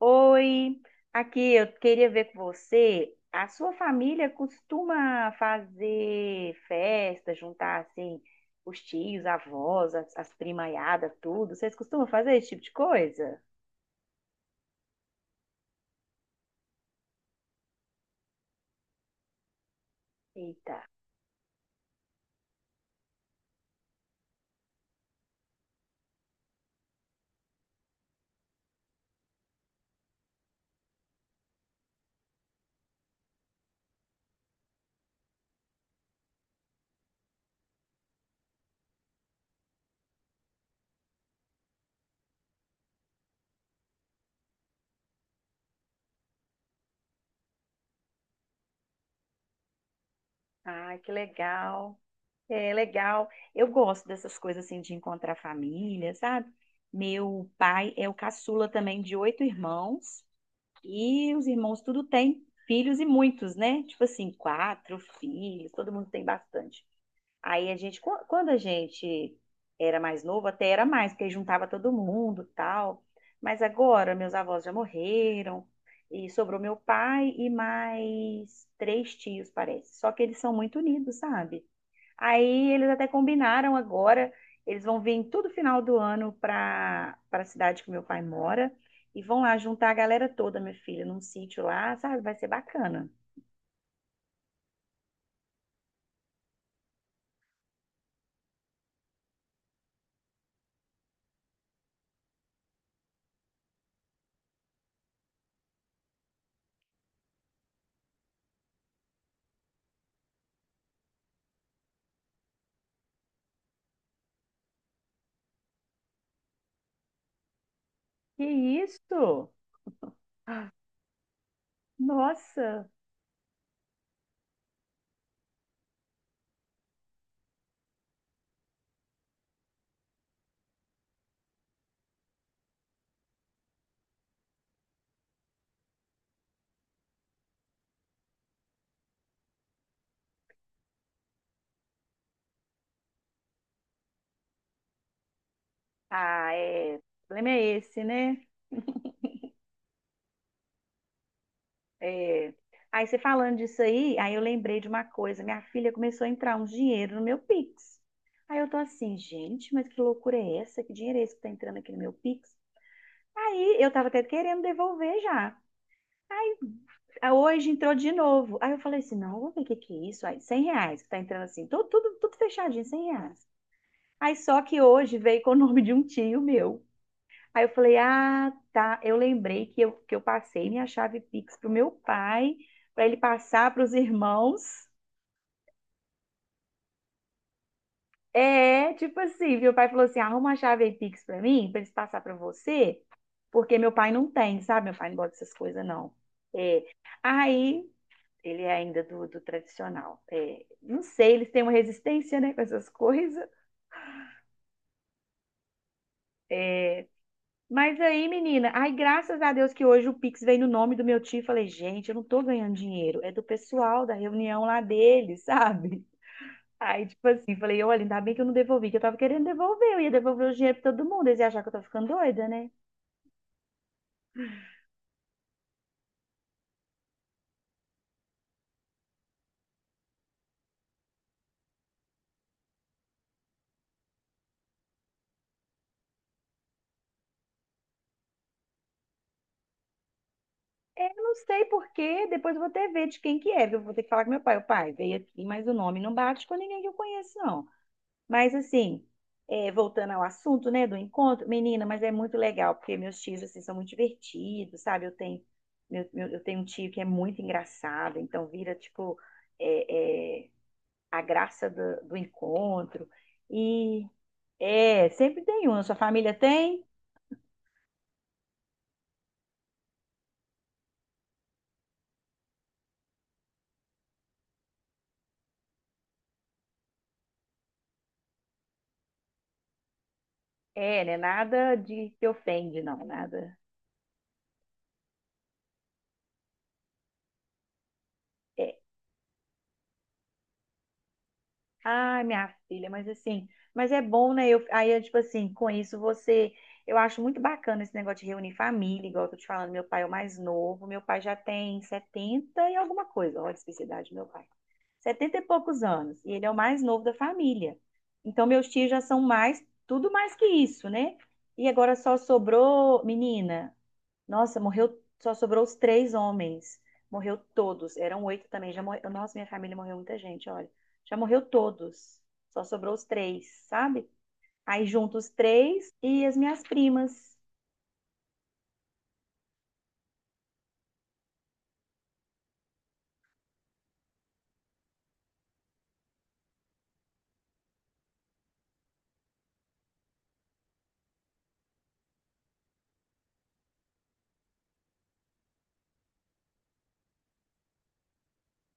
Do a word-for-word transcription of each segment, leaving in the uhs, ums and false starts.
Oi, aqui eu queria ver com você. A sua família costuma fazer festa, juntar assim os tios, avós, as, as primaiadas, tudo. Vocês costumam fazer esse tipo de coisa? Eita, ai, que legal. É legal. Eu gosto dessas coisas assim de encontrar família, sabe? Meu pai é o caçula também de oito irmãos. E os irmãos tudo têm filhos e muitos, né? Tipo assim, quatro filhos, todo mundo tem bastante. Aí a gente, qu- quando a gente era mais novo, até era mais, porque aí juntava todo mundo, tal. Mas agora meus avós já morreram e sobrou meu pai e mais três tios, parece. Só que eles são muito unidos, sabe? Aí eles até combinaram agora, eles vão vir em todo final do ano para para a cidade que meu pai mora e vão lá juntar a galera toda, minha filha, num sítio lá, sabe? Vai ser bacana. Que isso? Nossa! Ah, é. O problema é esse, né? É. Aí você falando disso aí, aí eu lembrei de uma coisa. Minha filha começou a entrar um dinheiro no meu Pix. Aí eu tô assim, gente, mas que loucura é essa? Que dinheiro é esse que tá entrando aqui no meu Pix? Aí eu tava até querendo devolver já. Aí hoje entrou de novo. Aí eu falei assim, não, vamos ver o que que é isso. Aí, cem reais que tá entrando assim, tudo, tudo, tudo fechadinho, cem reais. Aí só que hoje veio com o nome de um tio meu. Aí eu falei, ah, tá. Eu lembrei que eu, que eu passei minha chave Pix pro meu pai, para ele passar para os irmãos. É, tipo assim, meu pai falou assim, arruma a chave aí Pix para mim, para eles passar para você, porque meu pai não tem, sabe? Meu pai não gosta dessas coisas, não. É. Aí ele é ainda do, do tradicional. É, não sei, eles têm uma resistência, né, com essas coisas. Mas aí, menina, ai, graças a Deus que hoje o Pix veio no nome do meu tio. Falei, gente, eu não tô ganhando dinheiro, é do pessoal da reunião lá dele, sabe? Aí, tipo assim, falei, olha, ainda bem que eu não devolvi, que eu tava querendo devolver, eu ia devolver o dinheiro pra todo mundo, eles iam achar que eu tô ficando doida, né? É, eu não sei por quê, depois eu vou até ver de quem que é, eu vou ter que falar com meu pai, o pai, veio aqui, mas o nome não bate com ninguém que eu conheço, não. Mas assim, é, voltando ao assunto, né, do encontro, menina, mas é muito legal, porque meus tios, assim, são muito divertidos, sabe? Eu tenho, meu- meu- eu tenho um tio que é muito engraçado, então vira, tipo, é, é, a graça do, do encontro. E, é, sempre tem um. A sua família tem? É, né? Nada de que ofende, não, nada. é, Ah, minha filha, mas assim, mas é bom, né? Eu, aí, eu, tipo assim, com isso você. Eu acho muito bacana esse negócio de reunir família, igual eu tô te falando, meu pai é o mais novo, meu pai já tem setenta e alguma coisa, olha a especificidade do meu pai. Setenta e poucos anos, e ele é o mais novo da família. Então, meus tios já são mais, tudo mais que isso, né? E agora só sobrou, menina, nossa, morreu, só sobrou os três homens. Morreu todos. Eram oito também. Já morreu. Nossa, minha família morreu muita gente, olha. Já morreu todos. Só sobrou os três, sabe? Aí junto os três e as minhas primas.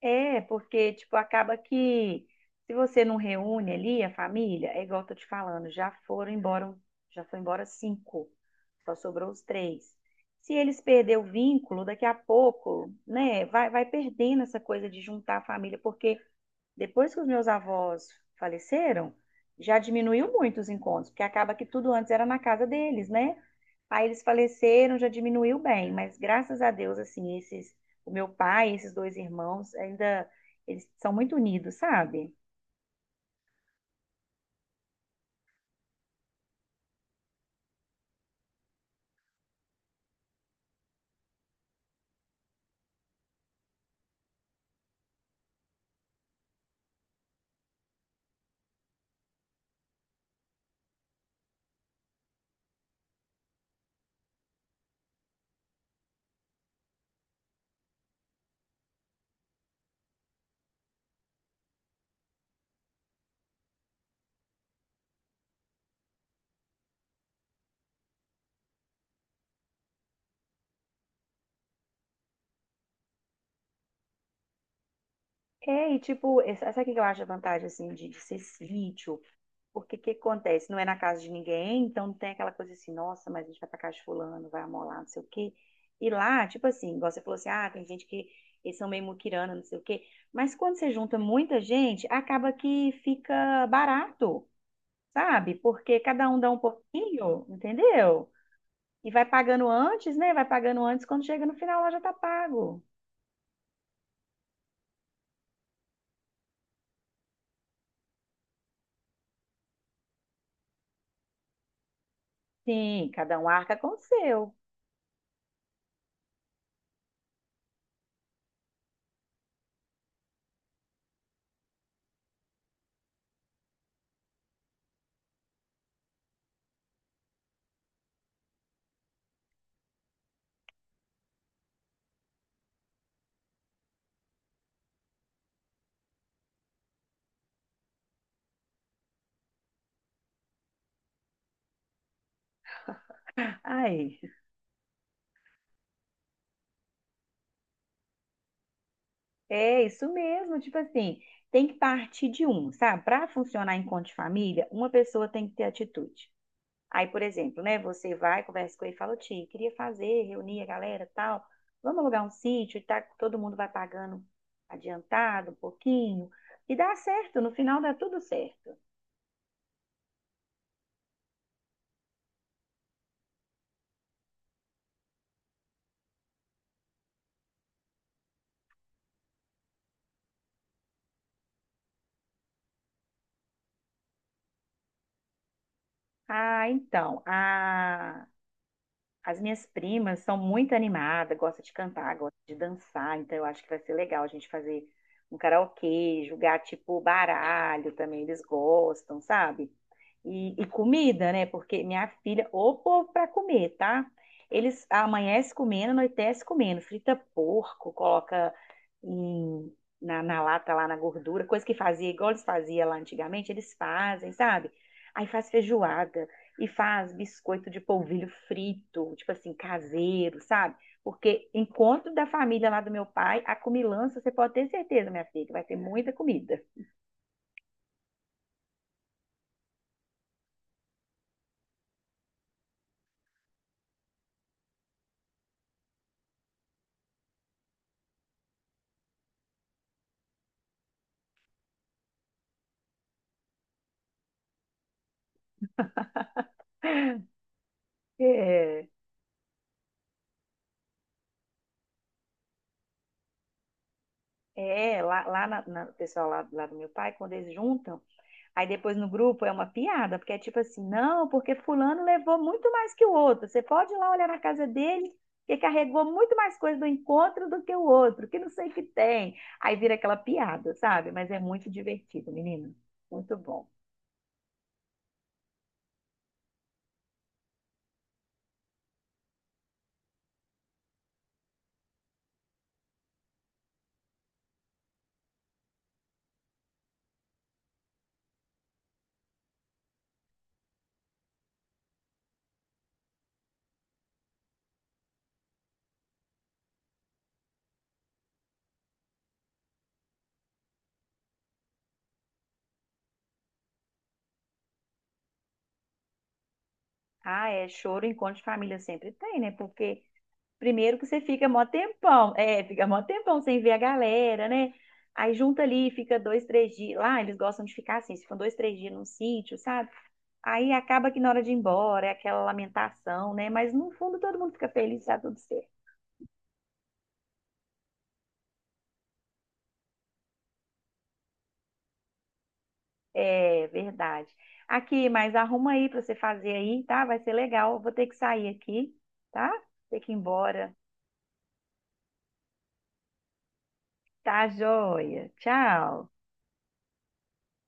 É, porque, tipo, acaba que se você não reúne ali a família, é igual eu tô te falando, já foram embora, já foi embora cinco. Só sobrou os três. Se eles perderem o vínculo, daqui a pouco, né, vai, vai perdendo essa coisa de juntar a família, porque depois que os meus avós faleceram, já diminuiu muito os encontros, porque acaba que tudo antes era na casa deles, né? Aí eles faleceram, já diminuiu bem, mas graças a Deus, assim, esses, o meu pai, e esses dois irmãos, ainda, eles são muito unidos, sabe? É, e tipo, essa essa aqui que eu acho a vantagem, assim, de, de ser sítio. Porque o que acontece? Não é na casa de ninguém, então não tem aquela coisa assim, nossa, mas a gente vai pra casa de fulano, vai amolar, não sei o quê. E lá, tipo assim, igual você falou assim, ah, tem gente que eles são meio muquirana, não sei o quê. Mas quando você junta muita gente, acaba que fica barato, sabe? Porque cada um dá um pouquinho, entendeu? E vai pagando antes, né? Vai pagando antes, quando chega no final lá já tá pago. Sim, cada um arca com o seu. Ai. É isso mesmo, tipo assim, tem que partir de um, sabe? Para funcionar enquanto de família, uma pessoa tem que ter atitude. Aí, por exemplo, né, você vai, conversa com ele e fala, Ti, queria fazer, reunir a galera, tal, vamos alugar um sítio e tá, todo mundo vai pagando adiantado um pouquinho, e dá certo, no final dá tudo certo. Ah, então, as minhas primas são muito animadas, gostam de cantar, gostam de dançar, então eu acho que vai ser legal a gente fazer um karaokê, jogar tipo baralho também, eles gostam, sabe? E, e comida, né? Porque minha filha, ô povo pra comer, tá? Eles amanhece comendo, anoitece comendo, frita porco, coloca em- na, na lata, lá na gordura, coisa que fazia, igual eles faziam lá antigamente, eles fazem, sabe? Aí faz feijoada e faz biscoito de polvilho frito, tipo assim, caseiro, sabe? Porque encontro da família lá do meu pai, a comilança, você pode ter certeza, minha filha, que vai ter muita comida. É, é lá, lá na, na- o pessoal lá, lá do meu pai, quando eles juntam, aí depois no grupo é uma piada, porque é tipo assim, não, porque fulano levou muito mais que o outro. Você pode ir lá olhar na casa dele, que carregou muito mais coisa do encontro do que o outro, que não sei o que tem. Aí vira aquela piada, sabe? Mas é muito divertido, menino. Muito bom. Ah, é choro, encontro de família sempre tem, né? Porque primeiro que você fica mó tempão, é, fica mó tempão sem ver a galera, né? Aí junta ali, fica dois, três dias. Lá eles gostam de ficar assim, se ficam dois, três dias num sítio, sabe? Aí acaba que na hora de ir embora é aquela lamentação, né? Mas no fundo todo mundo fica feliz, tá tudo certo. É verdade. Aqui, mas arruma aí pra você fazer aí, tá? Vai ser legal. Vou ter que sair aqui, tá? Ter que ir embora. Tá, joia. Tchau.